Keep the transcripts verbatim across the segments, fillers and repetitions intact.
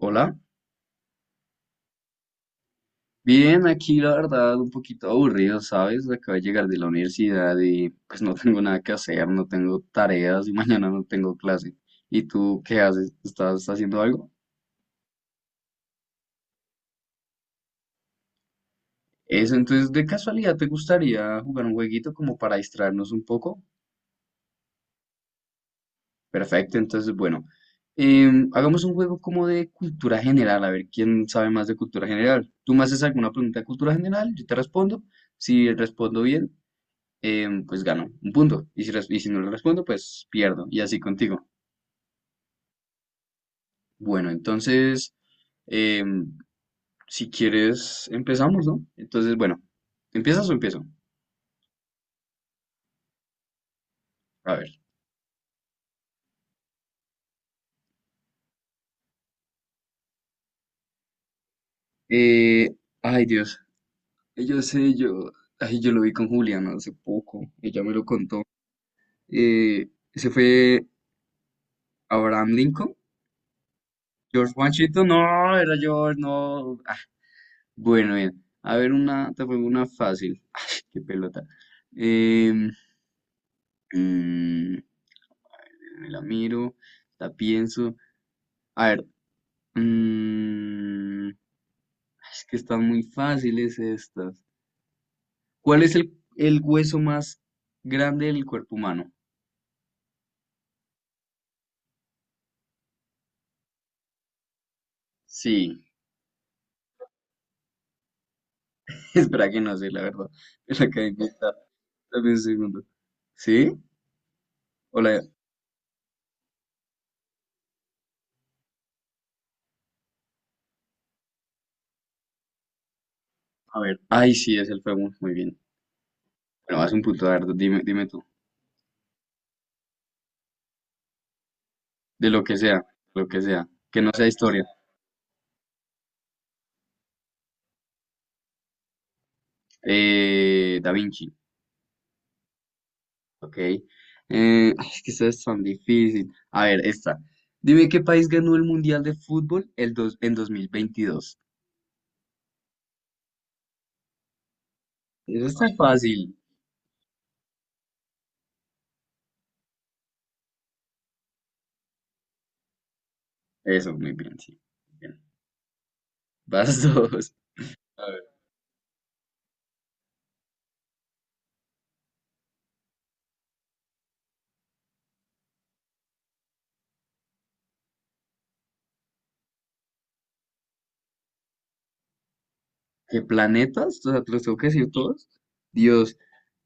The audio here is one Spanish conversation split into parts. Hola, bien, aquí la verdad un poquito aburrido, ¿sabes? Acabo de llegar de la universidad y pues no tengo nada que hacer, no tengo tareas y mañana no tengo clase. ¿Y tú qué haces? ¿Estás haciendo algo? Eso, entonces de casualidad, ¿te gustaría jugar un jueguito como para distraernos un poco? Perfecto, entonces bueno, em, hagamos un juego como de cultura general, a ver quién sabe más de cultura general. Tú me haces alguna pregunta de cultura general, yo te respondo. Si respondo bien, em, pues gano un punto. Y si, res- y si no le respondo, pues pierdo. Y así contigo. Bueno, entonces, em, si quieres, empezamos, ¿no? Entonces, bueno, ¿empiezas o empiezo? A ver. Eh, ay, Dios. Yo sé, yo. Ay, yo lo vi con Juliana hace poco. Ella me lo contó. Eh, se fue Abraham Lincoln. George Washington. No, era George, no. Ah, bueno, bien. A ver, una. Te pongo una fácil. Ay, qué pelota. Eh, me la miro, la pienso. A ver, mm, es que están muy fáciles estas. ¿Cuál es el, el hueso más grande del cuerpo humano? Sí, espera que no sé, la verdad. Es la acabo de inventar. Dame un segundo. ¿Sí? Hola, a ver. Ay, sí, es el fémur. Muy bien. Bueno, vas un punto, a ver, dime, dime tú. De lo que sea, lo que sea. Que no sea historia. Eh, Da Vinci. Ok. Eh, ay, es que eso es tan difícil. A ver, esta. Dime qué país ganó el Mundial de Fútbol el dos, en dos mil veintidós. Eso está fácil. Eso, muy bien, sí. Bien. Vas dos. A ver. ¿Qué planetas? O sea, ¿te los tengo que decir todos? Dios,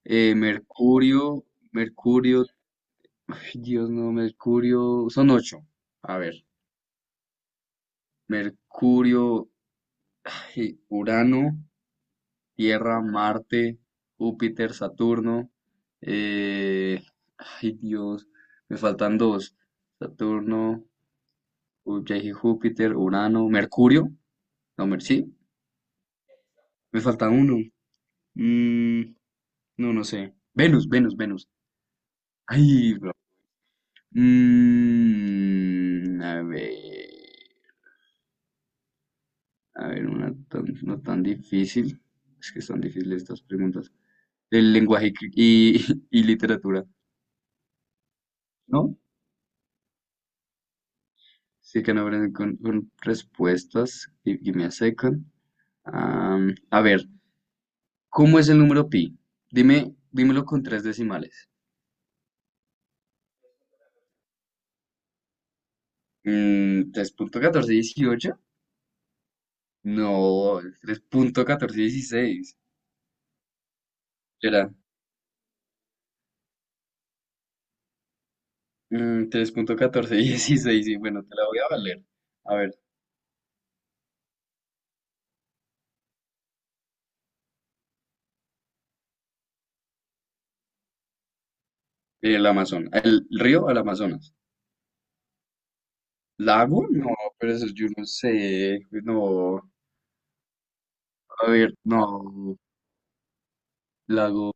eh, Mercurio, Mercurio, ay, Dios no, Mercurio, son ocho. A ver, Mercurio, ay, Urano, Tierra, Marte, Júpiter, Saturno. eh, ay Dios, me faltan dos. Saturno, Ju- ya dije Júpiter, Urano, Mercurio. No, Mer- sí, me falta uno. Mm, no, no sé. Venus, Venus, Venus. Ay, bro. Mm, a ver, a ver, una tan- no tan difícil. Es que están difíciles estas preguntas. El lenguaje y, y literatura, ¿no? Sí, que no aprenden con, con respuestas. Y give me asecan. Am, a ver, ¿cómo es el número pi? Dime, dímelo con tres decimales. Mm, ¿tres punto catorce dieciocho? No, tres punto catorce dieciséis. Era mm, tres punto catorce dieciséis. Y bueno, te la voy a valer. A ver, el Amazonas. El río al Amazonas. ¿Lago? No, pero eso yo no sé. No. A ver, no. Lago.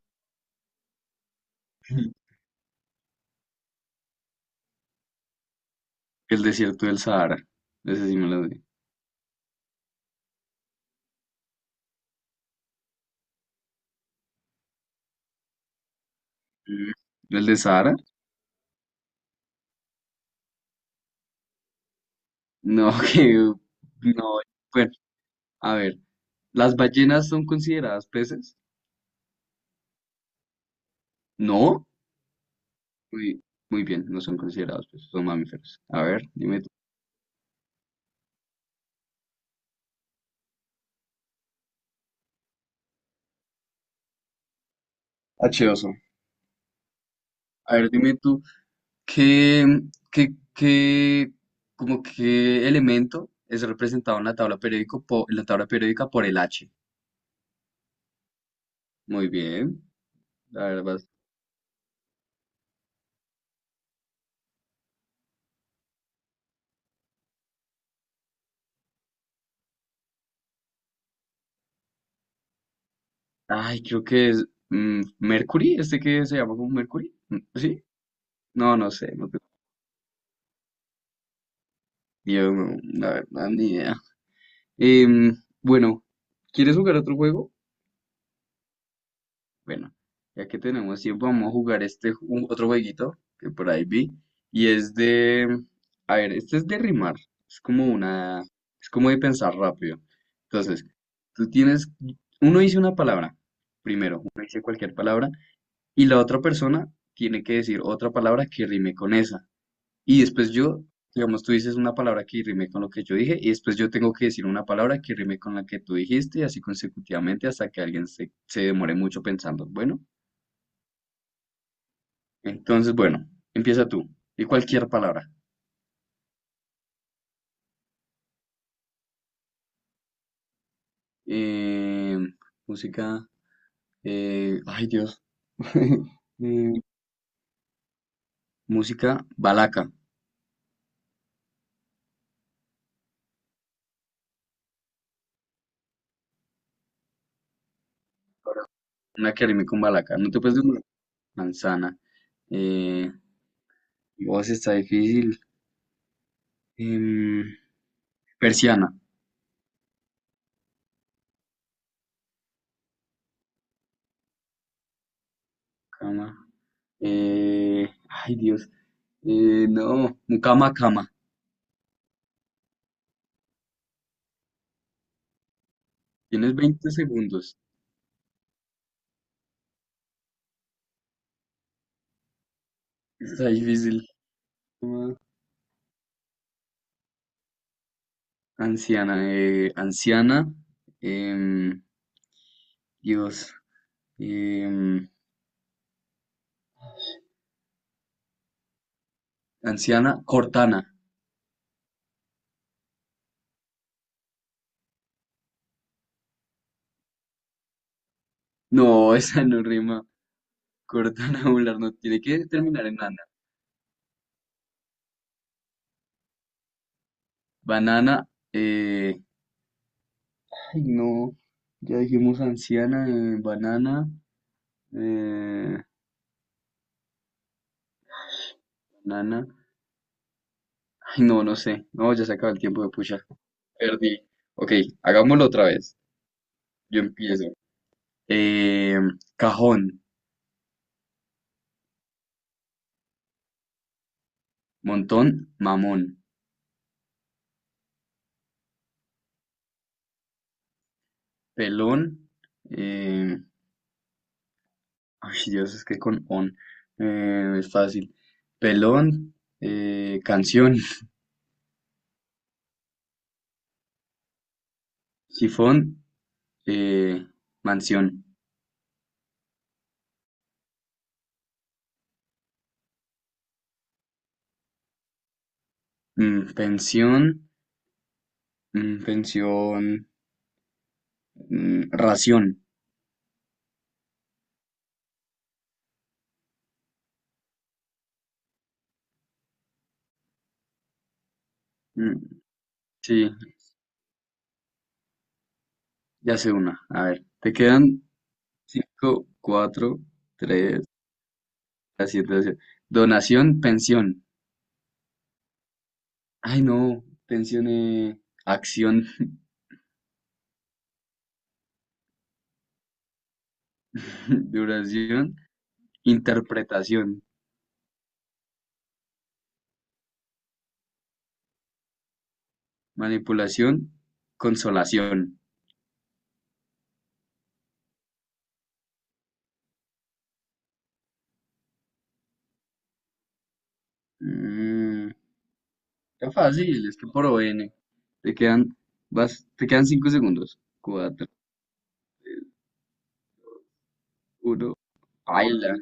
El desierto del Sahara. Ese sí me lo sé. Mm. ¿El de Sahara? No, que... No. Bueno, a ver. ¿Las ballenas son consideradas peces? No. Muy, muy bien, no son considerados peces, son mamíferos. A ver, dime tú. H dos O. A ver, dime tú, ¿qué, qué, qué, como qué elemento es representado en la tabla periódico po- en la tabla periódica por el H? Muy bien. A ver, ay, creo que es mm, Mercury, este que se llama como Mercury. Mm, ¿sí? No, no sé, no tengo. Yo, no, la verdad, ni idea. Em, bueno, ¿quieres jugar otro juego? Bueno, ya que tenemos tiempo, vamos a jugar este ju- otro jueguito que por ahí vi. Y es de, a ver, este es de rimar. Es como una, es como de pensar rápido. Entonces, tú tienes, uno dice una palabra, primero, uno dice cualquier palabra y la otra persona tiene que decir otra palabra que rime con esa. Y después yo, digamos, tú dices una palabra que rime con lo que yo dije, y después yo tengo que decir una palabra que rime con la que tú dijiste, y así consecutivamente hasta que alguien se, se demore mucho pensando. Bueno, entonces, bueno, empieza tú. Y cualquier palabra. Eh, música. eh, ay, Dios. Eh, música balaca. Una que rime con balaca. No te puedes de manzana. Eh, voz está difícil. Em, persiana, cama. eh, ay, Dios. eh, no, mucama, cama. Tienes veinte segundos. Está difícil. Cama, anciana, eh, anciana. em, Dios. em, anciana, cortana. No, esa no rima. Cortana angular no tiene que terminar en nana. Banana, eh, ay, no. Ya dijimos anciana, eh, banana, eh, banana. Ay, no, no sé. No, ya se acaba el tiempo de pucha. Perdí. Ok, hagámoslo otra vez. Yo empiezo. Eh, cajón, montón, mamón, pelón. eh, ay, Dios, es que con on eh, es fácil. Pelón, eh, canción, sifón, eh, mansión, mm, pensión, mm, pensión, mm, ración. mm, sí, ya sé una. A ver, te quedan cinco, cuatro, tres. Gracias, gracias. Donación, Donación, pensión. Ay, no. Pensión, eh, acción, duración, interpretación, manipulación, consolación. Mm, está fácil, es que por O N. Te quedan, vas, te quedan cinco segundos. Cuatro, uno. Baila.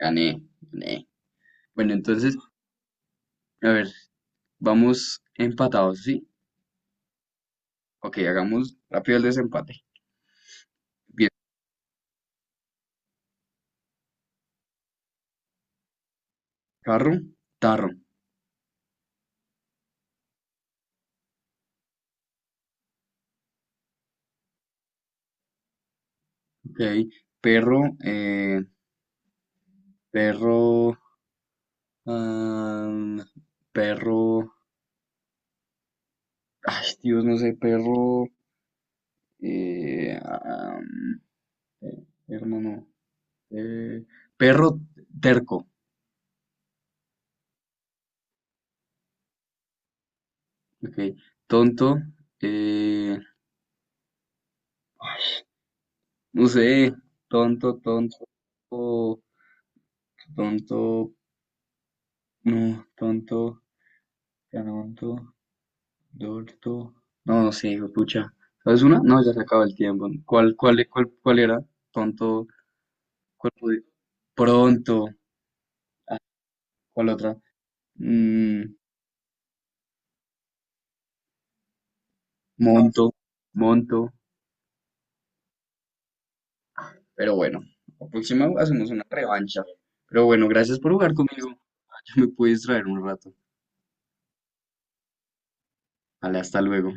Gané, gané. Bueno, entonces, a ver, vamos empatados, ¿sí? Ok, hagamos rápido el desempate. Bien. Carro, tarro. Ok. Perro, eh, Perro, am, perro, ay Dios, no sé, perro, eh, am, eh, hermano, eh, perro terco, ok, tonto, eh, no sé, tonto, tonto, tonto, no, tonto, tonto, dorto, no, no sé, pucha, ¿sabes una? No, ya se acaba el tiempo, ¿cuál, cuál, cuál, cuál era? Tonto, cuál pude- pronto. ¿Cuál otra? Mm, monto, monto. Pero bueno, la próxima hacemos una revancha. Pero bueno, gracias por jugar conmigo. Yo me puedo distraer un rato. Vale, hasta luego.